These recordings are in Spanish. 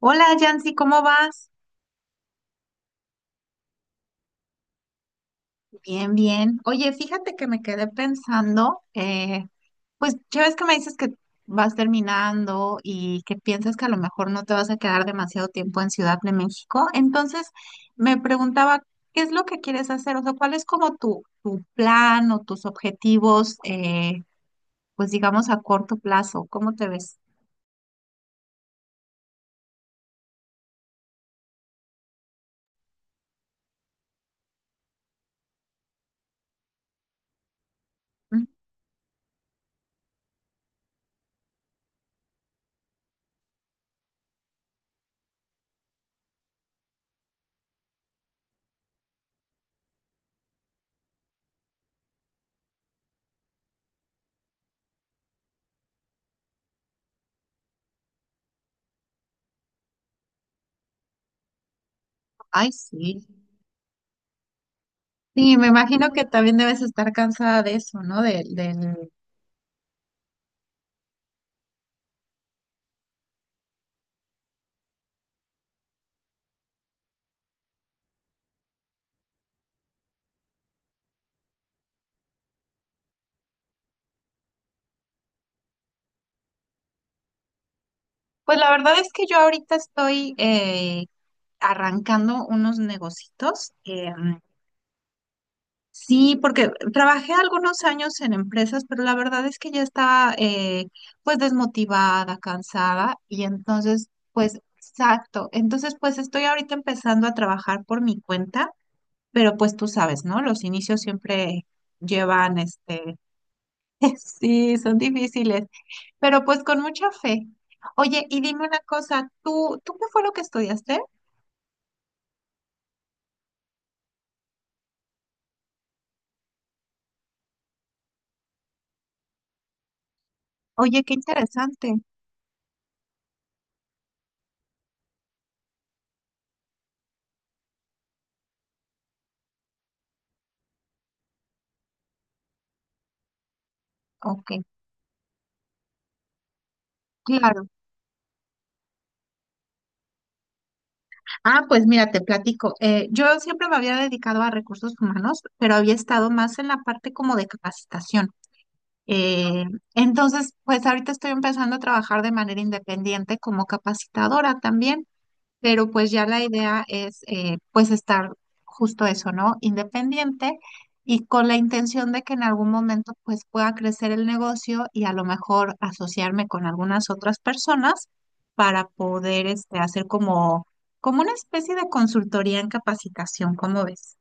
Hola, Yancy, ¿cómo vas? Bien, bien. Oye, fíjate que me quedé pensando, pues ya ves que me dices que vas terminando y que piensas que a lo mejor no te vas a quedar demasiado tiempo en Ciudad de México. Entonces, me preguntaba, ¿qué es lo que quieres hacer? O sea, ¿cuál es como tu plan o tus objetivos, pues digamos a corto plazo? ¿Cómo te ves? Mm. Ay, sí. Sí, me imagino que también debes estar cansada de eso, ¿no? Del. Pues la verdad es que yo ahorita estoy arrancando unos negocitos. Sí, porque trabajé algunos años en empresas, pero la verdad es que ya estaba pues desmotivada, cansada y entonces pues exacto. Entonces pues estoy ahorita empezando a trabajar por mi cuenta, pero pues tú sabes, ¿no? Los inicios siempre llevan este. Sí, son difíciles, pero pues con mucha fe. Oye, y dime una cosa, ¿tú qué fue lo que estudiaste? Oye, qué interesante. Ok, claro. Ah, pues mira, te platico. Yo siempre me había dedicado a recursos humanos, pero había estado más en la parte como de capacitación. Eh, entonces, pues ahorita estoy empezando a trabajar de manera independiente como capacitadora también, pero pues ya la idea es pues estar justo eso, ¿no? Independiente y con la intención de que en algún momento pues pueda crecer el negocio y a lo mejor asociarme con algunas otras personas para poder este, hacer como, como una especie de consultoría en capacitación, ¿cómo ves?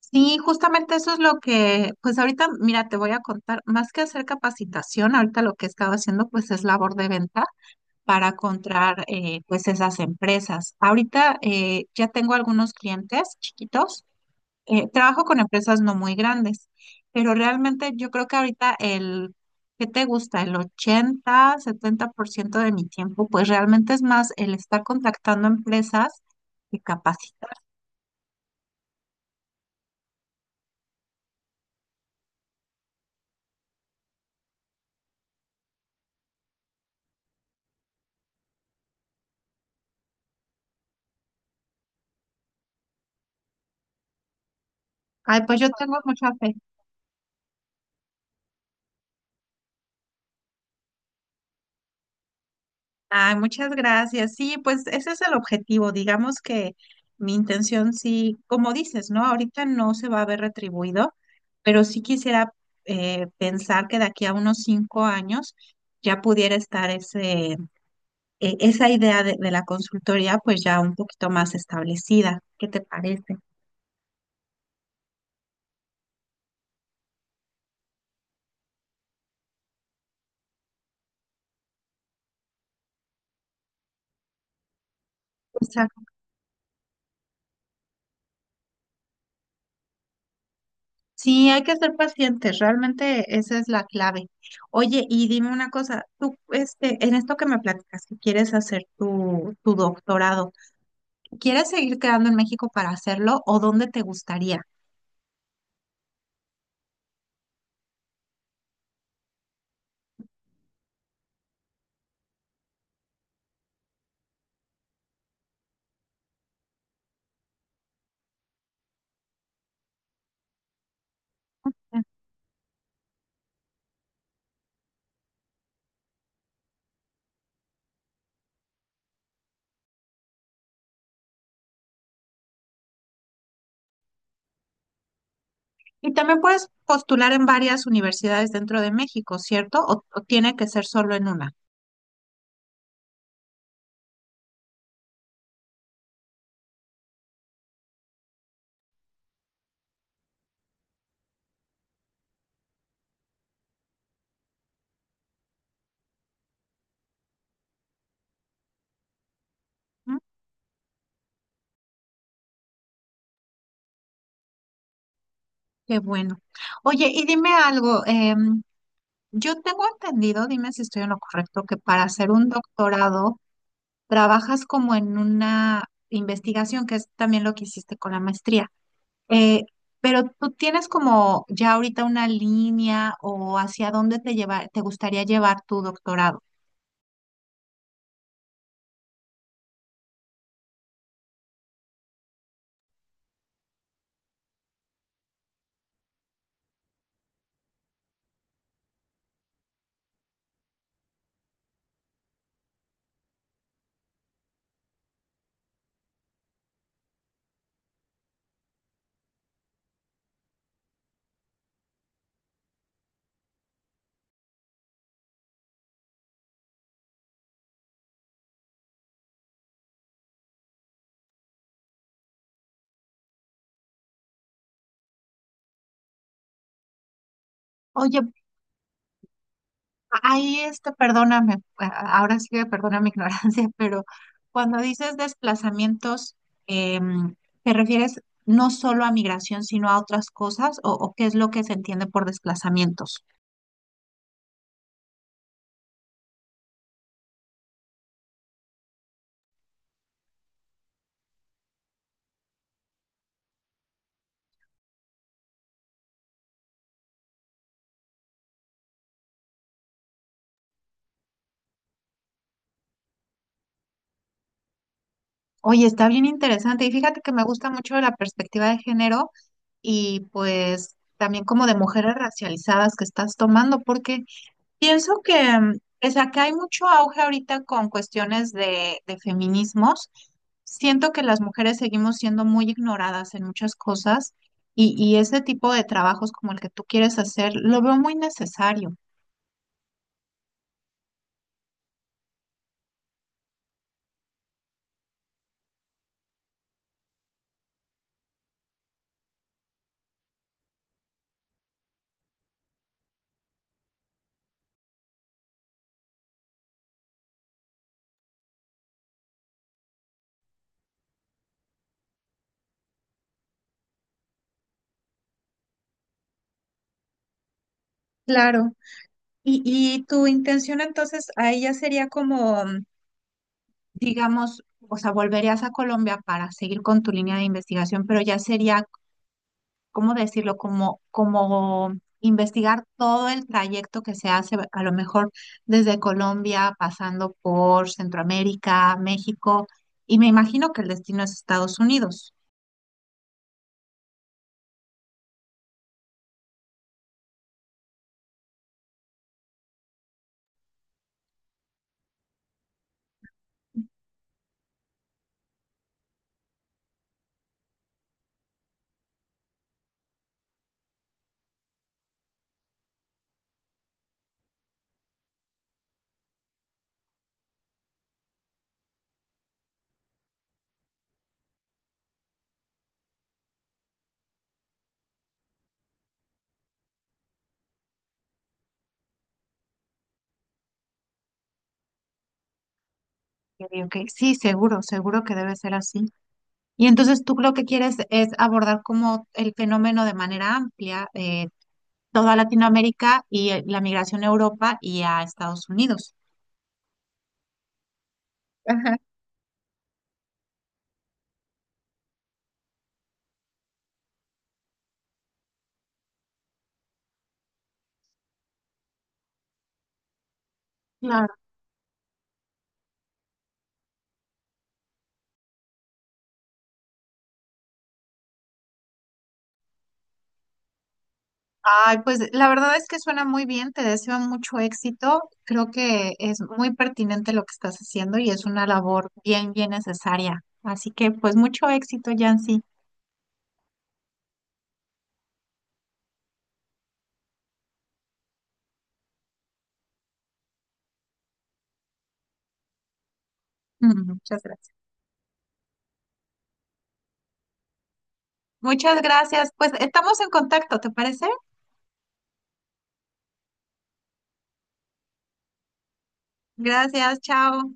Sí, justamente eso es lo que, pues ahorita, mira, te voy a contar, más que hacer capacitación, ahorita lo que he estado haciendo pues es labor de ventas para comprar pues esas empresas. Ahorita ya tengo algunos clientes chiquitos. Trabajo con empresas no muy grandes, pero realmente yo creo que ahorita el, ¿qué te gusta? El 80-70% de mi tiempo, pues realmente es más el estar contactando empresas que capacitar. Ay, pues yo tengo mucha fe. Ay, muchas gracias. Sí, pues ese es el objetivo. Digamos que mi intención, sí, como dices, ¿no? Ahorita no se va a ver retribuido, pero sí quisiera pensar que de aquí a unos 5 años ya pudiera estar ese, esa idea de la consultoría, pues ya un poquito más establecida. ¿Qué te parece? Exacto. Sí, hay que ser pacientes, realmente esa es la clave. Oye, y dime una cosa, tú, este, en esto que me platicas, que quieres hacer tu doctorado, ¿quieres seguir quedando en México para hacerlo o dónde te gustaría? Y también puedes postular en varias universidades dentro de México, ¿cierto? O tiene que ser solo en una. ¿Mm? Qué bueno. Oye, y dime algo, yo tengo entendido, dime si estoy en lo correcto, que para hacer un doctorado trabajas como en una investigación, que es también lo que hiciste con la maestría. Eh, pero tú tienes como ya ahorita una línea o hacia dónde te llevar, te gustaría llevar tu doctorado. Oye, ahí este, perdóname, ahora sí que perdona mi ignorancia, pero cuando dices desplazamientos, em, ¿te refieres no solo a migración, sino a otras cosas? O qué es lo que se entiende por desplazamientos? Oye, está bien interesante y fíjate que me gusta mucho la perspectiva de género y pues también como de mujeres racializadas que estás tomando, porque pienso que, mm, pues acá hay mucho auge ahorita con cuestiones de feminismos. Siento que las mujeres seguimos siendo muy ignoradas en muchas cosas y ese tipo de trabajos como el que tú quieres hacer, lo veo muy necesario. Claro. Y tu intención entonces ahí ya sería como, mm, digamos, o sea, volverías a Colombia para seguir con tu línea de investigación, pero ya sería ¿cómo decirlo? Como, como investigar todo el trayecto que se hace, a lo mejor desde Colombia, pasando por Centroamérica, México, y me imagino que el destino es Estados Unidos. Yo digo que sí, seguro, seguro que debe ser así. Y entonces tú lo que quieres es abordar como el fenómeno de manera amplia, toda Latinoamérica y la migración a Europa y a Estados Unidos. Ajá. Claro. Ay, pues la verdad es que suena muy bien, te deseo mucho éxito. Creo que es muy pertinente lo que estás haciendo y es una labor bien, bien necesaria. Así que pues mucho éxito, Yancy. Muchas gracias. Muchas gracias. Pues estamos en contacto, ¿te parece? Gracias, chao.